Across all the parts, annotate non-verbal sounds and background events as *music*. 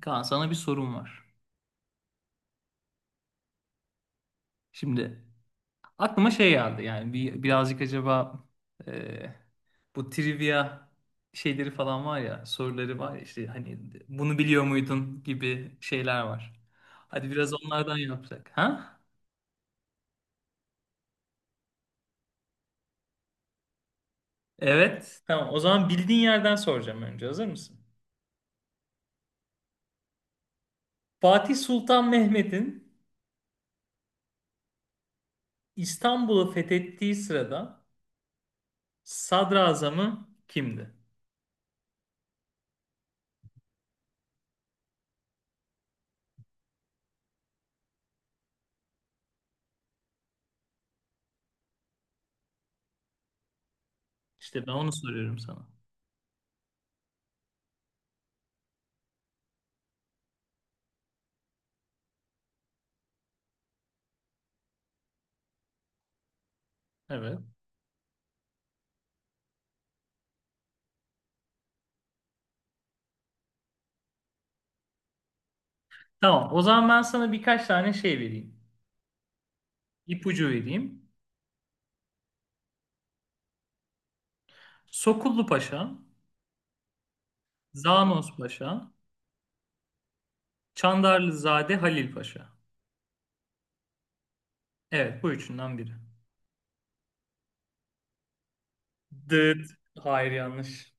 Kaan, sana bir sorum var. Şimdi aklıma şey geldi, yani birazcık acaba, e, bu trivia şeyleri falan var ya, soruları var ya, işte hani bunu biliyor muydun gibi şeyler var. Hadi biraz onlardan yapsak. Ha? Evet. Tamam, o zaman bildiğin yerden soracağım. Önce hazır mısın? Fatih Sultan Mehmet'in İstanbul'u fethettiği sırada sadrazamı kimdi? İşte ben onu soruyorum sana. Evet. Tamam, o zaman ben sana birkaç tane şey vereyim. İpucu vereyim. Sokullu Paşa, Zanos Paşa, Çandarlızade Halil Paşa. Evet, bu üçünden biri. Dıt. Hayır, yanlış.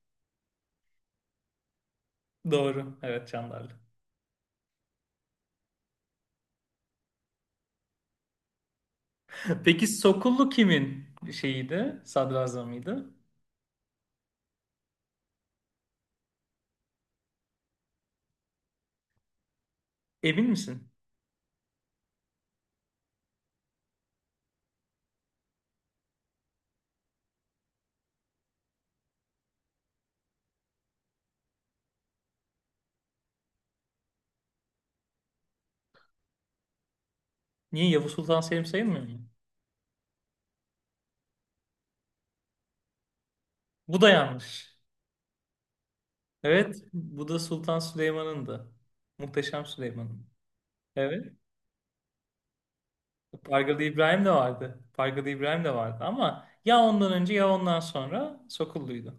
Doğru. Evet, Çandarlı. *laughs* Peki Sokullu kimin şeyiydi? Sadrazamıydı. Emin misin? Niye, Yavuz Sultan Selim sayılmıyor mu? Bu da yanlış. Evet, bu da Sultan Süleyman'ındı. Muhteşem Süleyman'ın. Evet. Pargalı İbrahim de vardı. Pargalı İbrahim de vardı ama ya ondan önce ya ondan sonra Sokullu'ydu.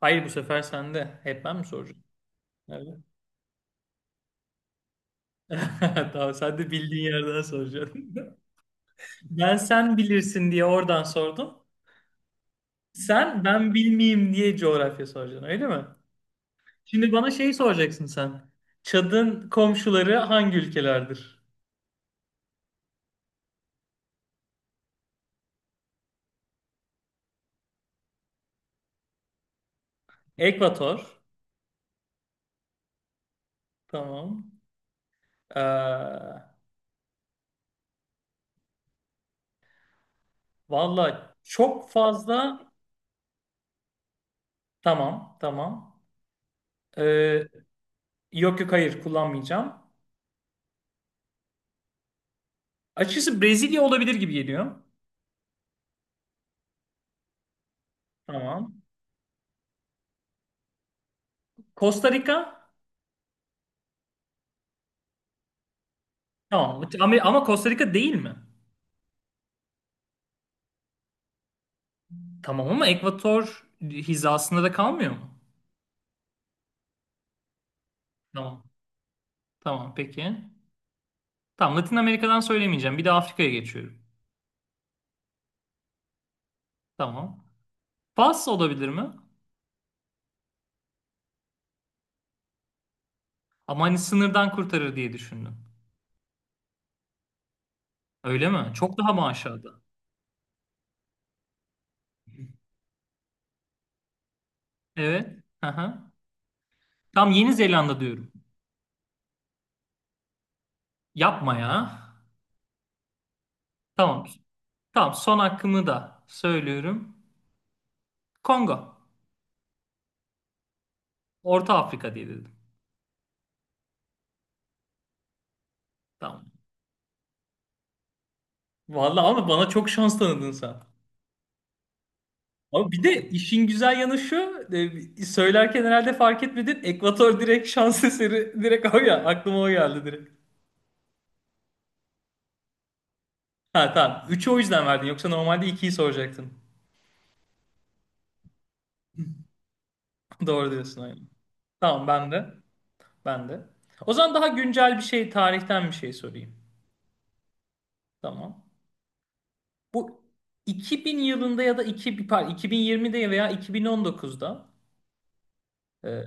Hayır, bu sefer sende. Hep ben mi soracağım? Evet. *laughs* Tamam, sen de bildiğin yerden soracaksın. *laughs* Ben, sen bilirsin diye oradan sordum. Sen, ben bilmeyeyim diye coğrafya soracaksın öyle mi? Şimdi bana şeyi soracaksın sen. Çad'ın komşuları hangi ülkelerdir? Ekvator. Tamam. Ee, valla çok fazla. Tamam, tamam. Ee, yok yok, hayır, kullanmayacağım. Açıkçası Brezilya olabilir gibi geliyor. Tamam. Costa Rica. Tamam ama Costa Rica değil mi? Tamam ama Ekvator hizasında da kalmıyor mu? Tamam. Tamam, peki. Tamam, Latin Amerika'dan söylemeyeceğim. Bir de Afrika'ya geçiyorum. Tamam. Fas olabilir mi? Ama hani sınırdan kurtarır diye düşündüm. Öyle mi? Çok daha mı aşağıda? Evet. Aha. Tamam, Yeni Zelanda diyorum. Yapma ya. Tamam. Tamam, son hakkımı da söylüyorum. Kongo. Orta Afrika diye dedim. Tamam. Vallahi ama bana çok şans tanıdın sen. Ama bir de işin güzel yanı şu, söylerken herhalde fark etmedin. Ekvator, direkt şans eseri, direkt o ya, aklıma o geldi direkt. Ha, tamam. 3'ü o yüzden verdin, yoksa normalde ikiyi soracaktın. *laughs* Doğru diyorsun, aynen. Tamam, ben de. Ben de. O zaman daha güncel bir şey, tarihten bir şey sorayım. Tamam. Bu 2000 yılında ya da 2020'de veya 2019'da e,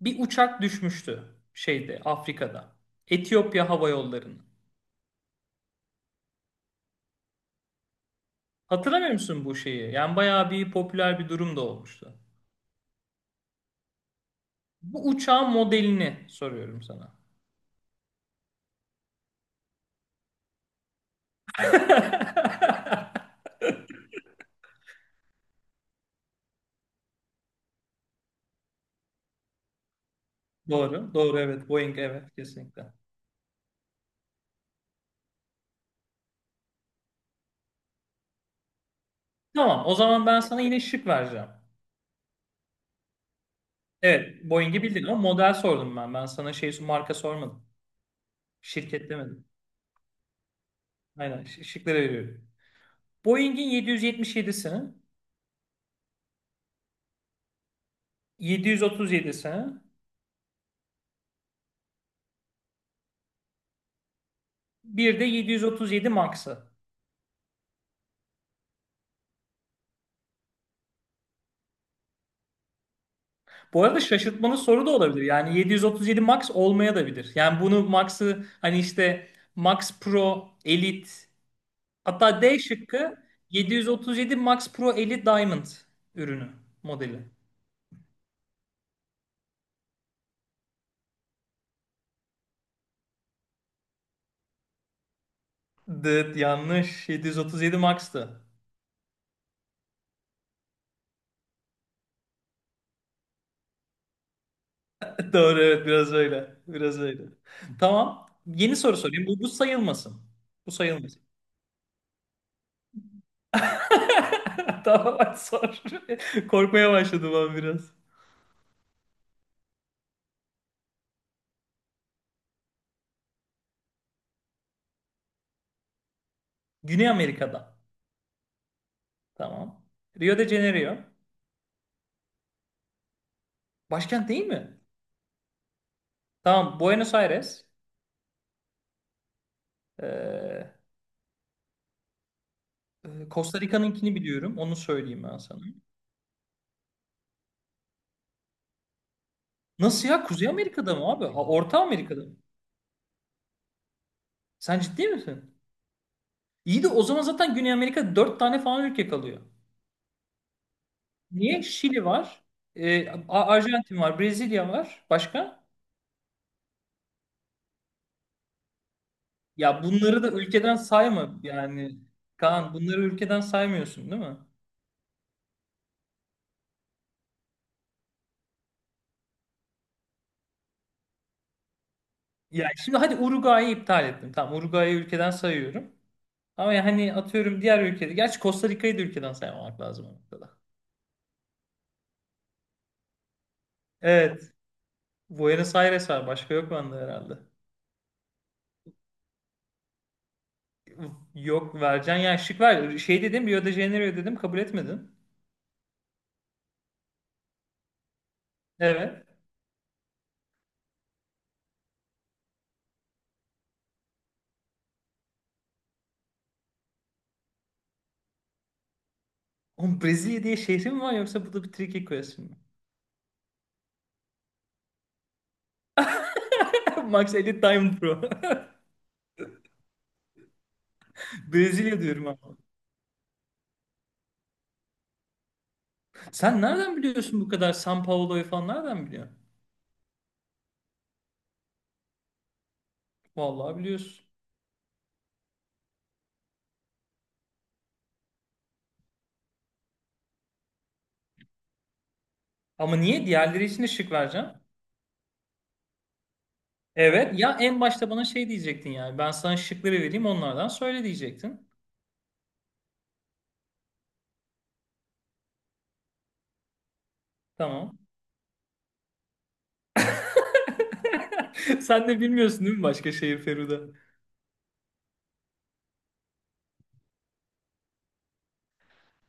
bir uçak düşmüştü şeyde, Afrika'da. Etiyopya Hava Yolları'nın. Hatırlamıyor musun bu şeyi? Yani bayağı bir popüler bir durum da olmuştu. Bu uçağın modelini soruyorum sana. *laughs* Doğru, doğru evet. Boeing, evet, kesinlikle. Tamam, o zaman ben sana yine şık vereceğim. Evet, Boeing'i bildin ama model sordum ben. Ben sana şey, marka sormadım. Şirket demedim. Aynen, şıkları veriyorum. Boeing'in 777'sini, 737'sini, bir de 737 Max'ı. Bu arada şaşırtmalı soru da olabilir. Yani 737 Max olmaya da bilir. Yani bunu Max'ı, hani işte Max Pro Elite, hatta D şıkkı 737 Max Pro Elite Diamond ürünü, modeli. Dıt, yanlış. 737 Max'tı. *laughs* Doğru, evet, biraz öyle. Biraz öyle. Tamam. Yeni soru sorayım. Bu sayılmasın. Bu sayılmasın. *laughs* Tamam, hadi sor. *laughs* Korkmaya başladım ben biraz. Güney Amerika'da. Tamam. Rio de Janeiro. Başkent değil mi? Tamam, Buenos Aires. Ee, Costa Rica'nınkini biliyorum. Onu söyleyeyim ben sana. Nasıl ya? Kuzey Amerika'da mı abi? Ha, Orta Amerika'da mı? Sen ciddi misin? İyi de o zaman zaten Güney Amerika'da dört tane falan ülke kalıyor. Niye? Şili var. Arjantin var. Brezilya var. Başka? Ya bunları da ülkeden sayma. Yani Kaan, bunları ülkeden saymıyorsun değil mi? Ya şimdi, hadi, Uruguay'ı iptal ettim. Tamam, Uruguay'ı ülkeden sayıyorum. Ama yani atıyorum diğer ülkede. Gerçi Costa Rica'yı da ülkeden saymamak lazım o noktada. Evet. Buenos Aires var. Başka yok bende herhalde. Yok, vereceksin. Yani şık ver. Şey dedim, Rio de Janeiro dedim. Kabul etmedin. Evet. Oğlum, Brezilya diye şehri mi var, yoksa bu da bir tricky question mi? *laughs* Max Edit Time Pro. *laughs* Brezilya diyorum ama. Sen nereden biliyorsun bu kadar, São Paulo'yu falan nereden biliyorsun? Vallahi biliyorsun. Ama niye? Diğerleri için de şık vereceğim. Evet. Ya en başta bana şey diyecektin yani. Ben sana şıkları vereyim, onlardan söyle diyecektin. Tamam. *laughs* Sen de bilmiyorsun değil mi başka şehir, Feruda?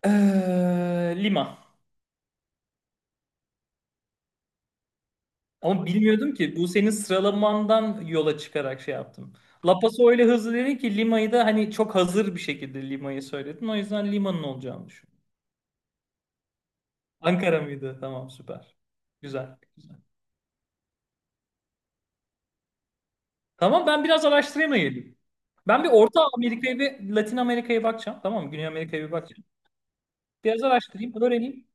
Lima. Ama bilmiyordum ki. Bu senin sıralamandan yola çıkarak şey yaptım. La Paso öyle hızlı dedin ki, Lima'yı da hani çok hazır bir şekilde Lima'yı söyledin. O yüzden Lima'nın olacağını düşündüm. Ankara mıydı? Tamam, süper. Güzel. Tamam, ben biraz araştırayım da ben bir Orta Amerika'ya ve Latin Amerika'ya bakacağım. Tamam mı? Güney Amerika'ya bir bakacağım. Biraz araştırayım, öğreneyim.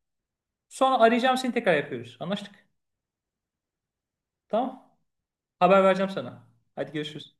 Sonra arayacağım seni, tekrar yapıyoruz. Anlaştık. Tamam. Haber vereceğim sana. Hadi görüşürüz.